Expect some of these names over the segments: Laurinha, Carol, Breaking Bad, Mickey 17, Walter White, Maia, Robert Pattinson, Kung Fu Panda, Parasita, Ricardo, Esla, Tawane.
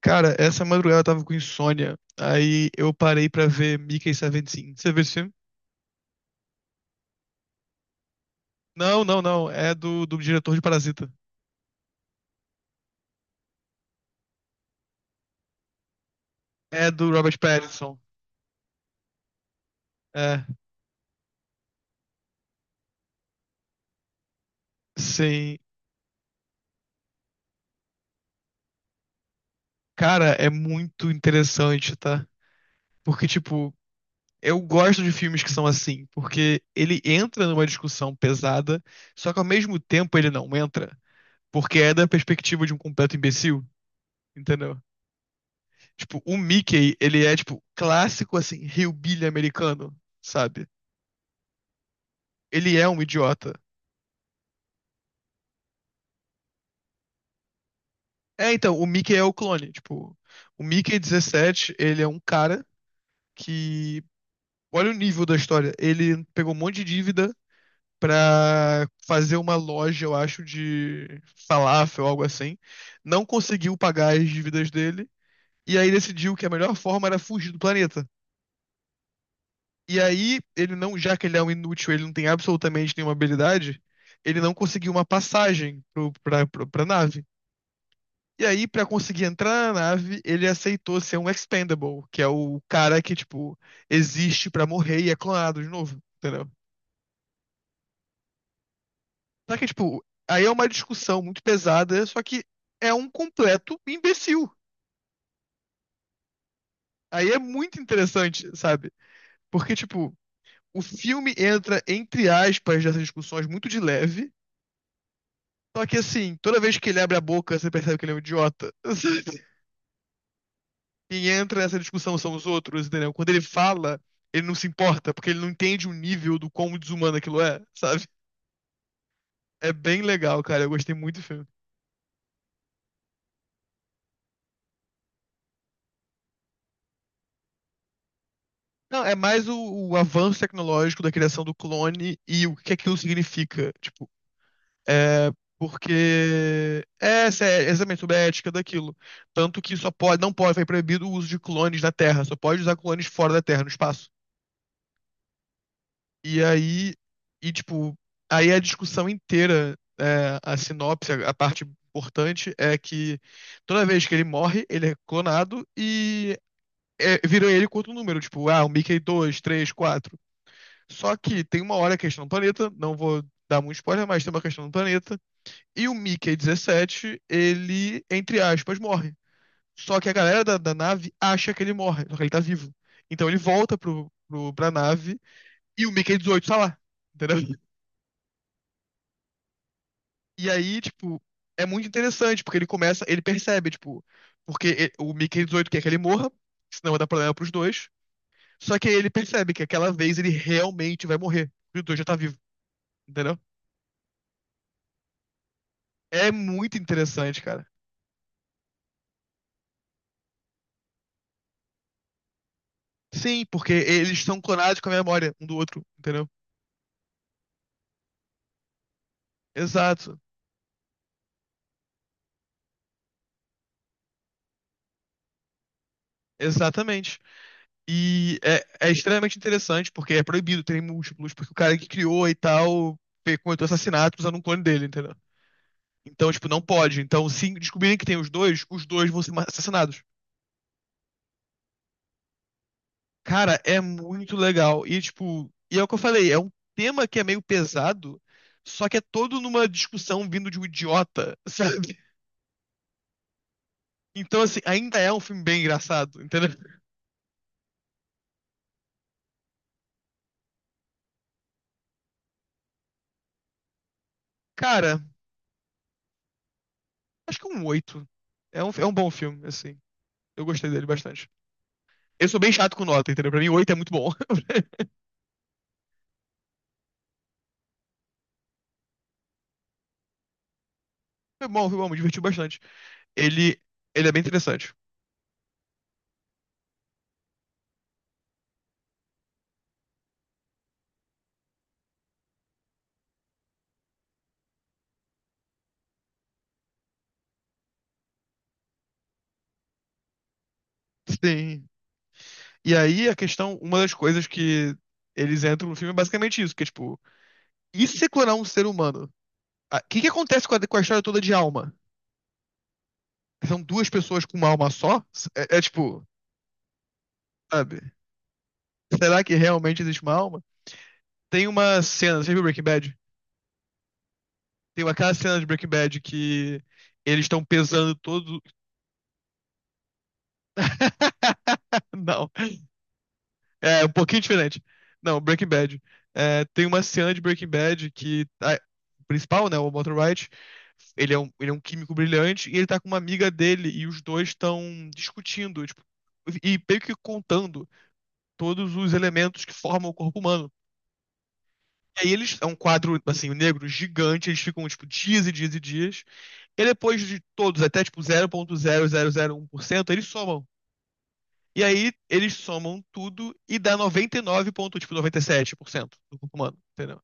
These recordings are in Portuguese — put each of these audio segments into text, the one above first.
Cara, essa madrugada eu tava com insônia. Aí eu parei pra ver Mickey 17. Você viu esse filme? Não, não, não. É do diretor de Parasita. É do Robert Pattinson. É, sim. Cara, é muito interessante, tá? Porque, tipo, eu gosto de filmes que são assim, porque ele entra numa discussão pesada, só que ao mesmo tempo ele não entra, porque é da perspectiva de um completo imbecil, entendeu? Tipo, o Mickey, ele é, tipo, clássico, assim, hillbilly americano, sabe? Ele é um idiota. É, então, o Mickey é o clone. Tipo, o Mickey dezessete ele é um cara que. Olha o nível da história. Ele pegou um monte de dívida pra fazer uma loja, eu acho, de falafel, ou algo assim. Não conseguiu pagar as dívidas dele. E aí decidiu que a melhor forma era fugir do planeta. E aí, ele não, já que ele é um inútil, ele não tem absolutamente nenhuma habilidade, ele não conseguiu uma passagem pra nave. E aí, pra conseguir entrar na nave, ele aceitou ser um expendable, que é o cara que, tipo, existe pra morrer e é clonado de novo, entendeu? Só que, tipo, aí é uma discussão muito pesada, só que é um completo imbecil. Aí é muito interessante, sabe? Porque, tipo, o filme entra, entre aspas, nessas discussões muito de leve, só que, assim, toda vez que ele abre a boca, você percebe que ele é um idiota. Sabe? Quem entra nessa discussão são os outros, entendeu? Quando ele fala, ele não se importa, porque ele não entende o nível do quão desumano aquilo é, sabe? É bem legal, cara. Eu gostei muito do filme. Não, é mais o avanço tecnológico da criação do clone e o que aquilo significa. Tipo, é porque é, essa é exatamente sobre a ética daquilo. Tanto que só pode, não pode, foi proibido o uso de clones na Terra, só pode usar clones fora da Terra, no espaço. E aí, e tipo, aí a discussão inteira, é, a sinopse, a parte importante é que toda vez que ele morre, ele é clonado e é, vira ele com outro número, tipo, ah, o Mickey dois três quatro. Só que tem uma hora a questão do planeta, não vou dar muito spoiler, mas tem uma questão do planeta, e o Mickey dezessete ele, entre aspas, morre. Só que a galera da nave acha que ele morre, só que ele tá vivo. Então ele volta pra nave e o Mickey dezoito tá lá, entendeu? E aí, tipo, é muito interessante, porque ele começa, ele percebe, tipo, o Mickey 18 quer que ele morra, senão vai dar problema pros dois. Só que aí ele percebe que aquela vez ele realmente vai morrer. E o dois já tá vivo, entendeu? É muito interessante, cara. Sim, porque eles são clonados com a memória um do outro, entendeu? Exato. Exatamente. E é, é extremamente interessante, porque é proibido ter múltiplos, porque o cara que criou e tal cometeu assassinato usando um clone dele, entendeu? Então, tipo, não pode. Então, se descobrirem que tem os dois vão ser assassinados. Cara, é muito legal. E, tipo, e é o que eu falei, é um tema que é meio pesado, só que é todo numa discussão vindo de um idiota, sabe? Então, assim, ainda é um filme bem engraçado, entendeu? Cara, acho que é um oito. É um bom filme, assim. Eu gostei dele bastante. Eu sou bem chato com nota, entendeu? Pra mim, oito é muito bom. Foi bom, me divertiu bastante. Ele, ele é bem interessante. Sim. E aí a questão, uma das coisas que eles entram no filme é basicamente isso, que é tipo, e se você clonar um ser humano? Ah, o que que acontece com a história toda de alma? São duas pessoas com uma alma só? É, é tipo, sabe? Será que realmente existe uma alma? Tem uma cena, você viu Breaking Bad? Tem aquela cena de Breaking Bad que eles estão pesando todo. Não. É, um pouquinho diferente. Não, Breaking Bad. É, tem uma cena de Breaking Bad que o principal, né, o Walter White, ele é um químico brilhante e ele tá com uma amiga dele e os dois estão discutindo, tipo, e meio que contando todos os elementos que formam o corpo humano. E aí eles, é um quadro, assim, negro gigante, eles ficam, tipo, dias e dias e dias. E depois de todos, até, tipo, zero vírgula zero zero zero um por cento, eles somam. E aí eles somam tudo e dá 99 ponto, tipo 97% do corpo humano, entendeu?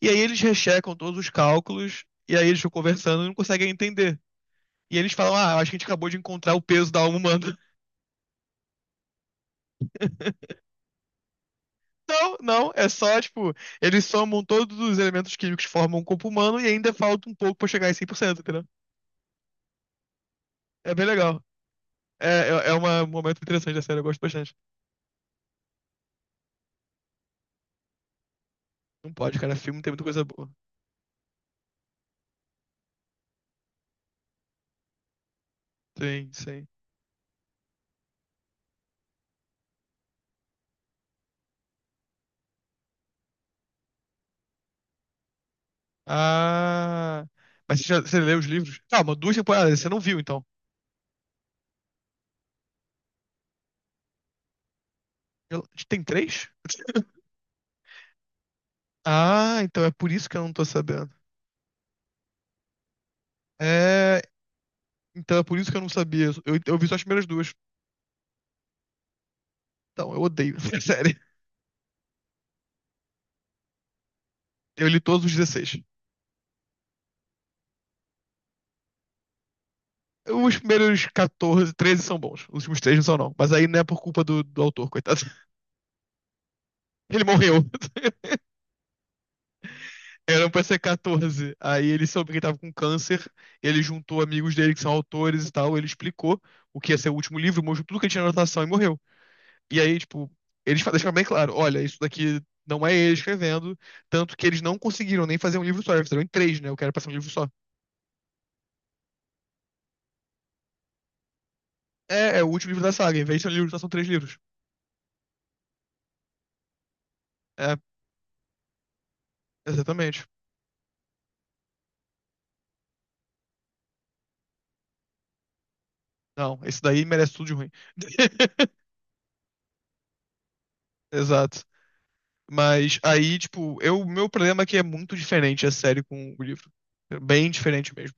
E aí eles rechecam todos os cálculos e aí eles ficam conversando e não conseguem entender. E eles falam: "Ah, acho que a gente acabou de encontrar o peso da alma humana". Não, não, é só tipo, eles somam todos os elementos químicos que formam o corpo humano e ainda falta um pouco pra chegar em 100%, entendeu? É bem legal. É, é, é uma- um momento interessante da série, eu gosto bastante. Não pode, cara, filme tem muita coisa boa. Sim, sim. Ah. Mas você, já, você leu os livros? Calma, duas temporadas, você não viu então. Eu- tem três? Ah, então é por isso que eu não tô sabendo. É. Então é por isso que eu não sabia. Eu vi só as primeiras duas. Então, eu odeio essa série. Eu li todos os 16. Os primeiros 14, 13 são bons. Os últimos três não são, não. Mas aí não é por culpa do autor, coitado. Ele morreu. Era pra ser 14. Aí ele soube que ele tava com câncer. Ele juntou amigos dele que são autores e tal. Ele explicou o que ia ser o último livro, mostrou tudo que ele tinha na anotação e morreu. E aí, tipo, deixaram bem claro, olha, isso daqui não é ele escrevendo, tanto que eles não conseguiram nem fazer um livro só, eles fizeram em três, né? Eu quero passar um livro só. É, é o último livro da saga, em vez de ser um livro só, são três livros. É, exatamente. Não, esse daí merece tudo de ruim. Exato. Mas aí, tipo, eu, o meu problema é que é muito diferente a série com o livro. É bem diferente mesmo.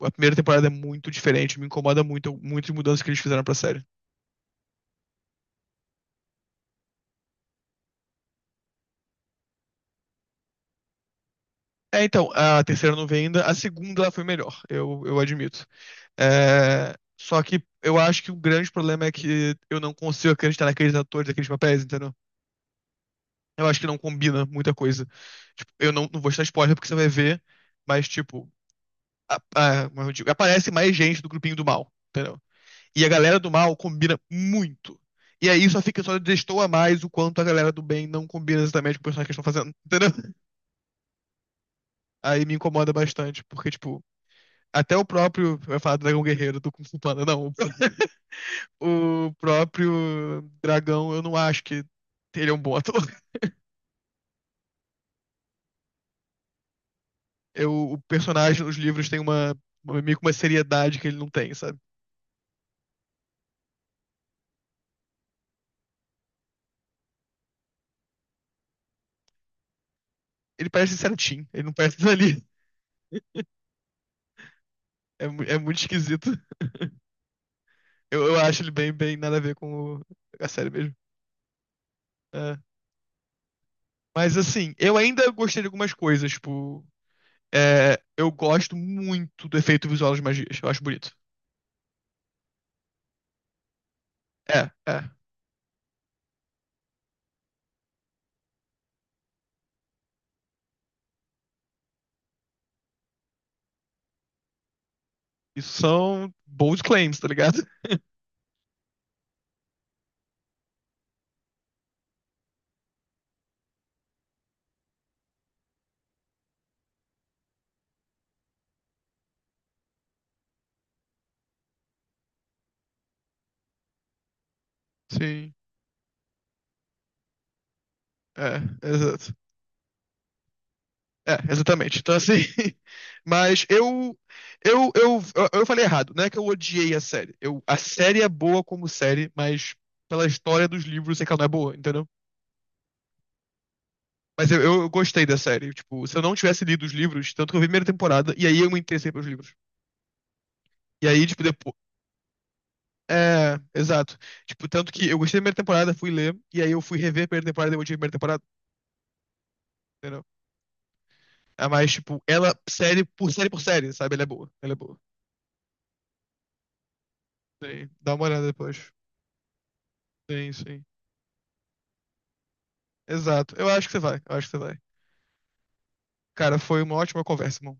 A primeira temporada é muito diferente, me incomoda muito, muito as mudanças que eles fizeram pra série. É, então, a terceira eu não veio ainda, a segunda ela foi melhor, eu admito. É, só que eu acho que o grande problema é que eu não consigo acreditar naqueles atores, naqueles papéis, entendeu? Eu acho que não combina muita coisa. Tipo, eu não, não vou estar spoiler porque você vai ver, mas, tipo, como eu digo, aparece mais gente do grupinho do mal, entendeu? E a galera do mal combina muito. E aí só fica, só destoa mais o quanto a galera do bem não combina exatamente com o personagem que eles estão fazendo, entendeu? Aí me incomoda bastante, porque, tipo, até o próprio, vai falar do Dragão Guerreiro, do Kung Fu Panda, não. O próprio dragão, eu não acho que ele é um bom ator. Eu, o personagem nos livros tem uma- meio que uma seriedade que ele não tem, sabe? Ele parece certinho, ele não parece dali. É, é muito esquisito. Eu acho ele bem, bem nada a ver com a série mesmo. É. Mas assim, eu ainda gostei de algumas coisas, tipo, é, eu gosto muito do efeito visual das magias, eu acho bonito. É, é. Isso são bold claims, tá ligado? Sim, é, exato. É, exatamente. Então, assim. Mas eu, eu falei errado. Não é que eu odiei a série. Eu, a série é boa como série, mas pela história dos livros, eu sei que ela não é boa, entendeu? Mas eu gostei da série. Tipo, se eu não tivesse lido os livros, tanto que eu vi a primeira temporada, e aí eu me interessei pelos livros. E aí, tipo, depois. É, exato. Tipo, tanto que eu gostei da primeira temporada, fui ler, e aí eu fui rever a primeira temporada e eu odiei a primeira temporada, entendeu? É, mais tipo, ela, série por série por série, sabe? Ela é boa. Ela é boa. Sim. Dá uma olhada depois. Sim, sim. Exato. Eu acho que você vai. Eu acho que você vai. Cara, foi uma ótima conversa, irmão.